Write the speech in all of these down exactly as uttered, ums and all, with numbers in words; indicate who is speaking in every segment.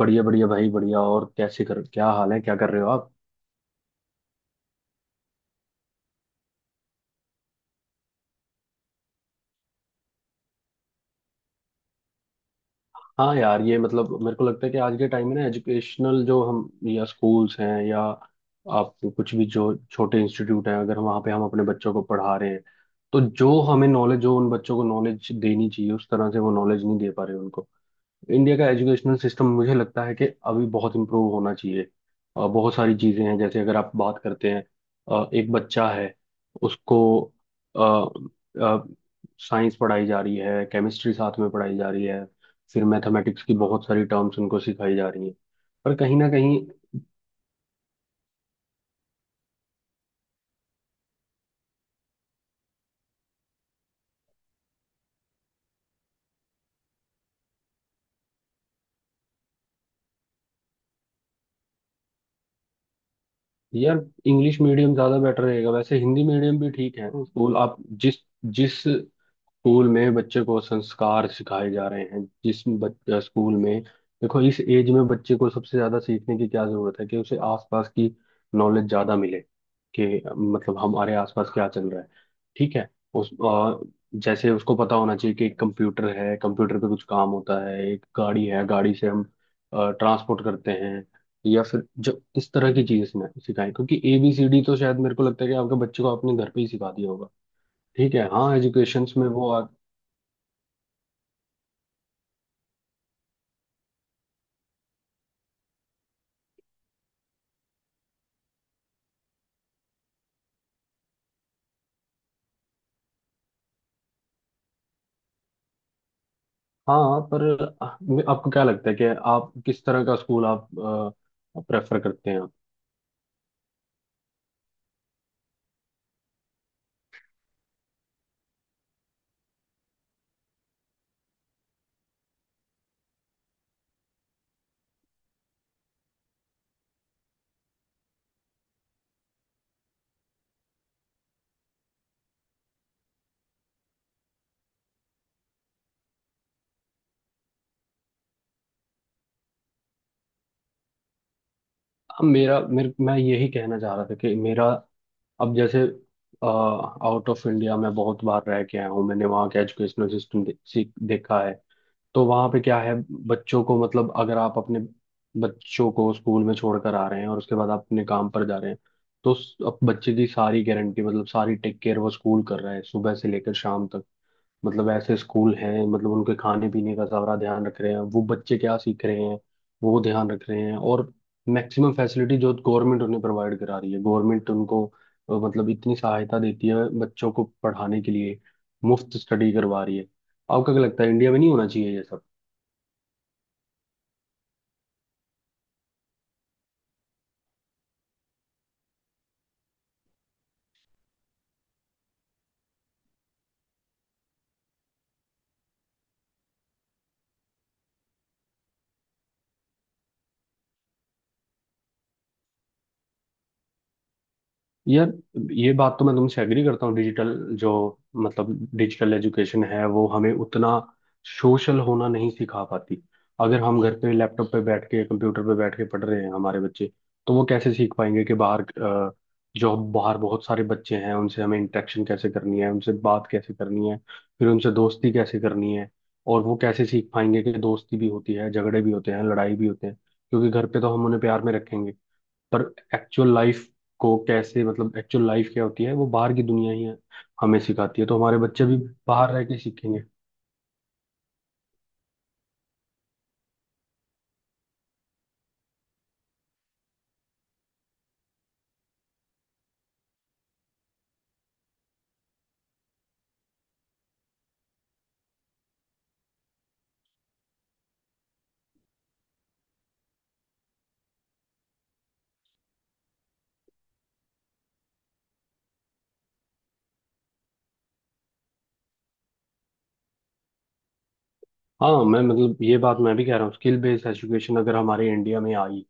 Speaker 1: बढ़िया बढ़िया भाई बढ़िया। और कैसे कर क्या हाल है? क्या कर रहे हो आप? हाँ यार, ये मतलब मेरे को लगता है कि आज के टाइम में ना एजुकेशनल जो हम या स्कूल्स हैं, या आप कुछ भी जो छोटे इंस्टीट्यूट हैं, अगर वहाँ पे हम अपने बच्चों को पढ़ा रहे हैं तो जो हमें नॉलेज जो उन बच्चों को नॉलेज देनी चाहिए उस तरह से वो नॉलेज नहीं दे पा रहे उनको। इंडिया का एजुकेशनल सिस्टम मुझे लगता है कि अभी बहुत इम्प्रूव होना चाहिए। अ, बहुत सारी चीज़ें हैं, जैसे अगर आप बात करते हैं, अ, एक बच्चा है, उसको साइंस पढ़ाई जा रही है, केमिस्ट्री साथ में पढ़ाई जा रही है, फिर मैथमेटिक्स की बहुत सारी टर्म्स उनको सिखाई जा रही हैं, पर कहीं ना कहीं। यार, इंग्लिश मीडियम ज़्यादा बेटर रहेगा, वैसे हिंदी मीडियम भी ठीक है। स्कूल आप जिस जिस स्कूल में बच्चे को संस्कार सिखाए जा रहे हैं, जिस बच्चा स्कूल में। देखो, इस एज में बच्चे को सबसे ज्यादा सीखने की क्या जरूरत है कि उसे आसपास की नॉलेज ज्यादा मिले, कि मतलब हमारे आसपास क्या चल रहा है। ठीक है। उस अ, जैसे उसको पता होना चाहिए कि एक कंप्यूटर है, कंप्यूटर पे कुछ काम होता है, एक गाड़ी है, गाड़ी से हम ट्रांसपोर्ट करते हैं। या फिर जब इस तरह की चीजें सिखा- सिखाएं, क्योंकि ए बी सी डी तो शायद मेरे को लगता है कि आपके बच्चे को आपने घर पे ही सिखा दिया होगा। ठीक है, हाँ, एजुकेशन में वो। हाँ, पर आपको क्या लगता है कि आप किस तरह का स्कूल आप प्रेफर करते हैं? अब मेरा मेरे मैं यही कहना चाह रहा था कि मेरा, अब जैसे आउट ऑफ इंडिया मैं बहुत बार रह के आया हूँ, मैंने वहाँ का एजुकेशनल सिस्टम दे, सीख देखा है। तो वहाँ पे क्या है, बच्चों को मतलब अगर आप अपने बच्चों को स्कूल में छोड़कर आ रहे हैं और उसके बाद आप अपने काम पर जा रहे हैं, तो उस- अब बच्चे की सारी गारंटी मतलब सारी टेक केयर वो स्कूल कर रहा है, सुबह से लेकर शाम तक। मतलब ऐसे स्कूल हैं, मतलब उनके खाने पीने का सारा ध्यान रख रहे हैं, वो बच्चे क्या सीख रहे हैं वो ध्यान रख रहे हैं, और मैक्सिमम फैसिलिटी जो गवर्नमेंट उन्हें प्रोवाइड करा रही है। गवर्नमेंट उनको अ, मतलब इतनी सहायता देती है बच्चों को पढ़ाने के लिए, मुफ्त स्टडी करवा रही है। आपको क्या लगता है इंडिया में नहीं होना चाहिए ये सब? यार, ये बात तो मैं तुमसे एग्री करता हूँ। डिजिटल जो मतलब डिजिटल एजुकेशन है वो हमें उतना सोशल होना नहीं सिखा पाती। अगर हम घर पे लैपटॉप पे बैठ के, कंप्यूटर पे बैठ के पढ़ रहे हैं हमारे बच्चे, तो वो कैसे सीख पाएंगे कि बाहर अ, जो बाहर बहुत सारे बच्चे हैं उनसे हमें इंटरेक्शन कैसे करनी है, उनसे बात कैसे करनी है, फिर उनसे दोस्ती कैसे करनी है, और वो कैसे सीख पाएंगे कि दोस्ती भी होती है, झगड़े भी होते हैं, लड़ाई भी होते हैं, क्योंकि घर पे तो हम उन्हें प्यार में रखेंगे। पर एक्चुअल लाइफ को कैसे, मतलब एक्चुअल लाइफ क्या होती है वो बाहर की दुनिया ही है, हमें सिखाती है, तो हमारे बच्चे भी बाहर रह के सीखेंगे। हाँ मैं मतलब, ये बात मैं भी कह रहा हूँ, स्किल बेस्ड एजुकेशन अगर हमारे इंडिया में आई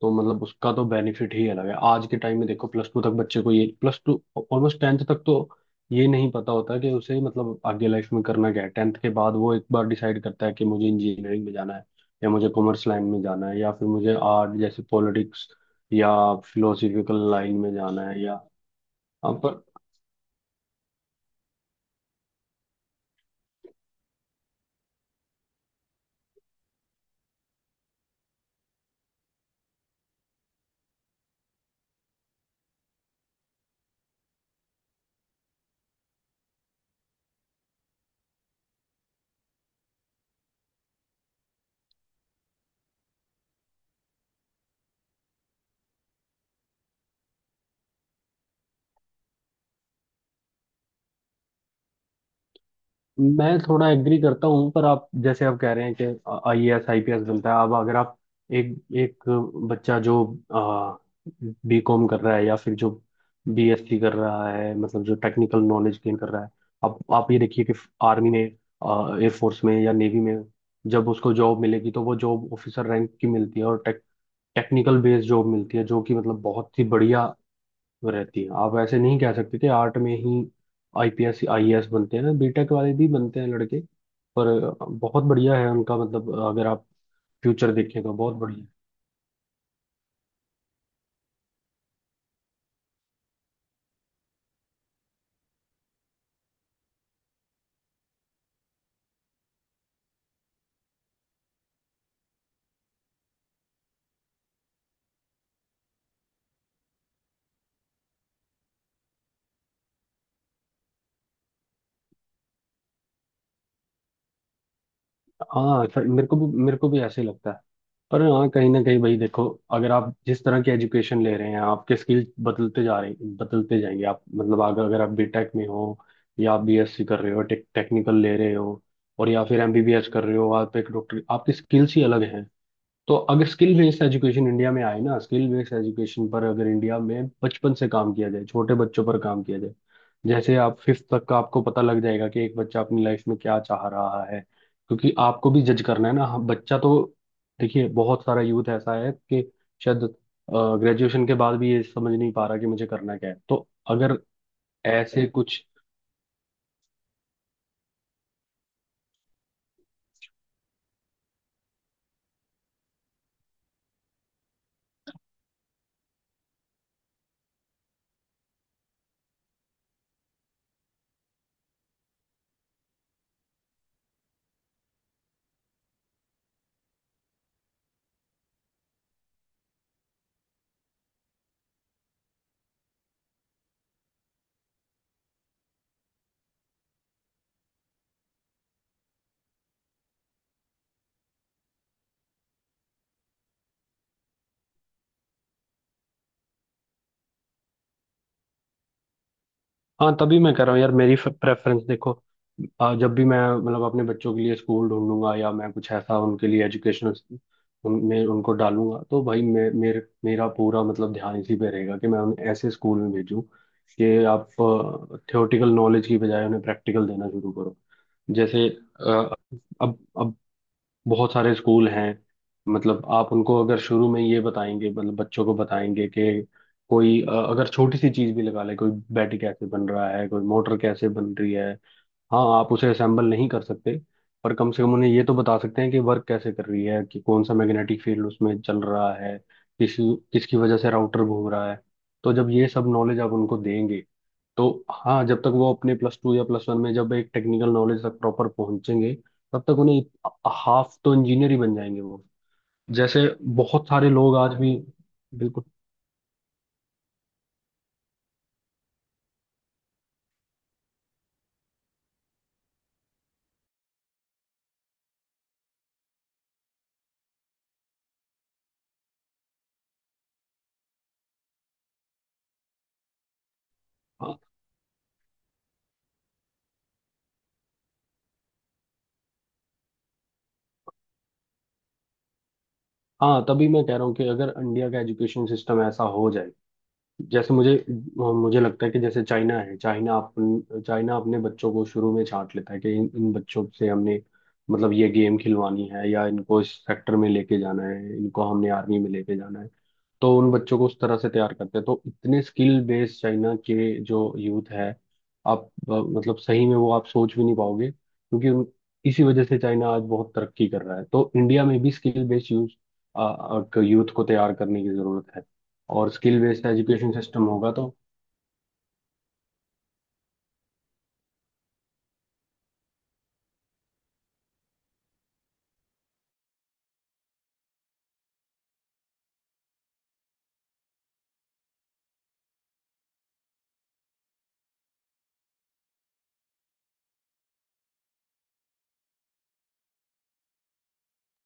Speaker 1: तो मतलब उसका तो बेनिफिट ही अलग है। आज के टाइम में देखो, प्लस टू तक बच्चे को, ये प्लस टू ऑलमोस्ट टेंथ तक तो ये नहीं पता होता कि उसे मतलब आगे लाइफ में करना क्या है। टेंथ के बाद वो एक बार डिसाइड करता है कि मुझे इंजीनियरिंग में जाना है, या मुझे कॉमर्स लाइन में जाना है, या फिर मुझे आर्ट जैसे पॉलिटिक्स, या फिलोसफिकल लाइन में जाना है, या। हाँ, पर मैं थोड़ा एग्री करता हूँ। पर आप जैसे आप कह रहे हैं कि आईएएस आईपीएस बनता है, अब अगर आप एक एक बच्चा जो बीकॉम कर रहा है, या फिर जो बीएससी कर रहा है, मतलब जो टेक्निकल नॉलेज गेन कर रहा है, अब आप ये देखिए कि आर्मी में, एयरफोर्स में या नेवी में जब उसको जॉब मिलेगी, तो वो जॉब ऑफिसर रैंक की मिलती है, और टेक टेक्निकल बेस्ड जॉब मिलती है, जो कि मतलब बहुत ही बढ़िया वो रहती है। आप ऐसे नहीं कह सकते कि आर्ट में ही आईपीएस आईएएस बनते हैं, बीटेक वाले भी बनते हैं लड़के, पर बहुत बढ़िया है उनका, मतलब अगर आप फ्यूचर देखें तो बहुत बढ़िया है। हाँ सर, मेरे को भी मेरे को भी ऐसे ही लगता है। पर हाँ, कहीं ना कहीं भाई देखो, अगर आप जिस तरह की एजुकेशन ले रहे हैं आपके स्किल बदलते जा रहे बदलते जाएंगे। आप मतलब अगर अगर आप बीटेक में हो, या आप बीएससी कर रहे हो, टेक, टेक्निकल ले रहे हो, और या फिर एमबीबीएस कर रहे हो, आप एक डॉक्टर, आपकी स्किल्स ही अलग हैं। तो अगर स्किल बेस्ड एजुकेशन इंडिया में आए ना, स्किल बेस्ड एजुकेशन पर अगर इंडिया में बचपन से काम किया जाए, छोटे बच्चों पर काम किया जाए, जैसे आप फिफ्थ तक का, आपको पता लग जाएगा कि एक बच्चा अपनी लाइफ में क्या चाह रहा है, क्योंकि आपको भी जज करना है ना। हम- बच्चा तो देखिए, बहुत सारा यूथ ऐसा है कि शायद ग्रेजुएशन के बाद भी ये समझ नहीं पा रहा कि मुझे करना क्या है, तो अगर ऐसे कुछ। हाँ तभी मैं कह रहा हूँ यार, मेरी प्रेफरेंस देखो, आ, जब भी मैं मतलब अपने बच्चों के लिए स्कूल ढूंढूंगा, या मैं कुछ ऐसा उनके लिए एजुकेशनल उन, मैं उनको डालूंगा, तो भाई मे, मेरे मेरा पूरा मतलब ध्यान इसी पे रहेगा कि मैं उन्हें ऐसे स्कूल में भेजूँ, कि आप थ्योरेटिकल नॉलेज की बजाय उन्हें प्रैक्टिकल देना शुरू करो। जैसे अ, अब अब बहुत सारे स्कूल हैं, मतलब आप उनको अगर शुरू में ये बताएंगे, मतलब बच्चों को बताएंगे कि कोई अ, अगर छोटी सी चीज भी लगा ले, कोई बैटरी कैसे बन रहा है, कोई मोटर कैसे बन रही है। हाँ, आप उसे असेंबल नहीं कर सकते, पर कम से कम उन्हें ये तो बता सकते हैं कि वर्क कैसे कर रही है, कि कौन सा मैग्नेटिक फील्ड उसमें चल रहा है, किस किसकी वजह से राउटर घूम रहा है। तो जब ये सब नॉलेज आप उनको देंगे, तो हाँ, जब तक वो अपने प्लस टू या प्लस वन में जब एक टेक्निकल नॉलेज तक प्रॉपर पहुंचेंगे, तब तक उन्हें हाफ तो इंजीनियर ही बन जाएंगे वो। जैसे बहुत सारे लोग आज भी। बिल्कुल। हाँ। हाँ तभी मैं कह रहा हूँ कि अगर इंडिया का एजुकेशन सिस्टम ऐसा हो जाए, जैसे मुझे मुझे लगता है कि जैसे चाइना है, चाइना अपन चाइना अपने बच्चों को शुरू में छांट लेता है कि इन इन बच्चों से हमने मतलब ये गेम खिलवानी है, या इनको इस सेक्टर में लेके जाना है, इनको हमने आर्मी में लेके जाना है, तो उन बच्चों को उस तरह से तैयार करते हैं। तो इतने स्किल बेस्ड चाइना के जो यूथ है, आप अ, मतलब सही में, वो आप सोच भी नहीं पाओगे, क्योंकि उन इसी वजह से चाइना आज बहुत तरक्की कर रहा है। तो इंडिया में भी स्किल बेस्ड यूथ यूथ को तैयार करने की जरूरत है, और स्किल बेस्ड एजुकेशन सिस्टम होगा तो।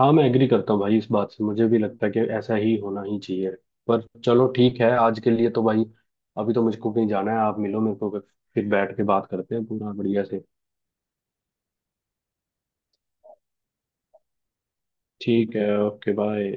Speaker 1: हाँ मैं एग्री करता हूँ भाई इस बात से, मुझे भी लगता है कि ऐसा ही होना ही चाहिए। पर चलो ठीक है आज के लिए तो भाई, अभी तो मुझको कहीं जाना है। आप मिलो मेरे को, फिर बैठ के बात करते हैं पूरा बढ़िया से। ठीक है, ओके बाय।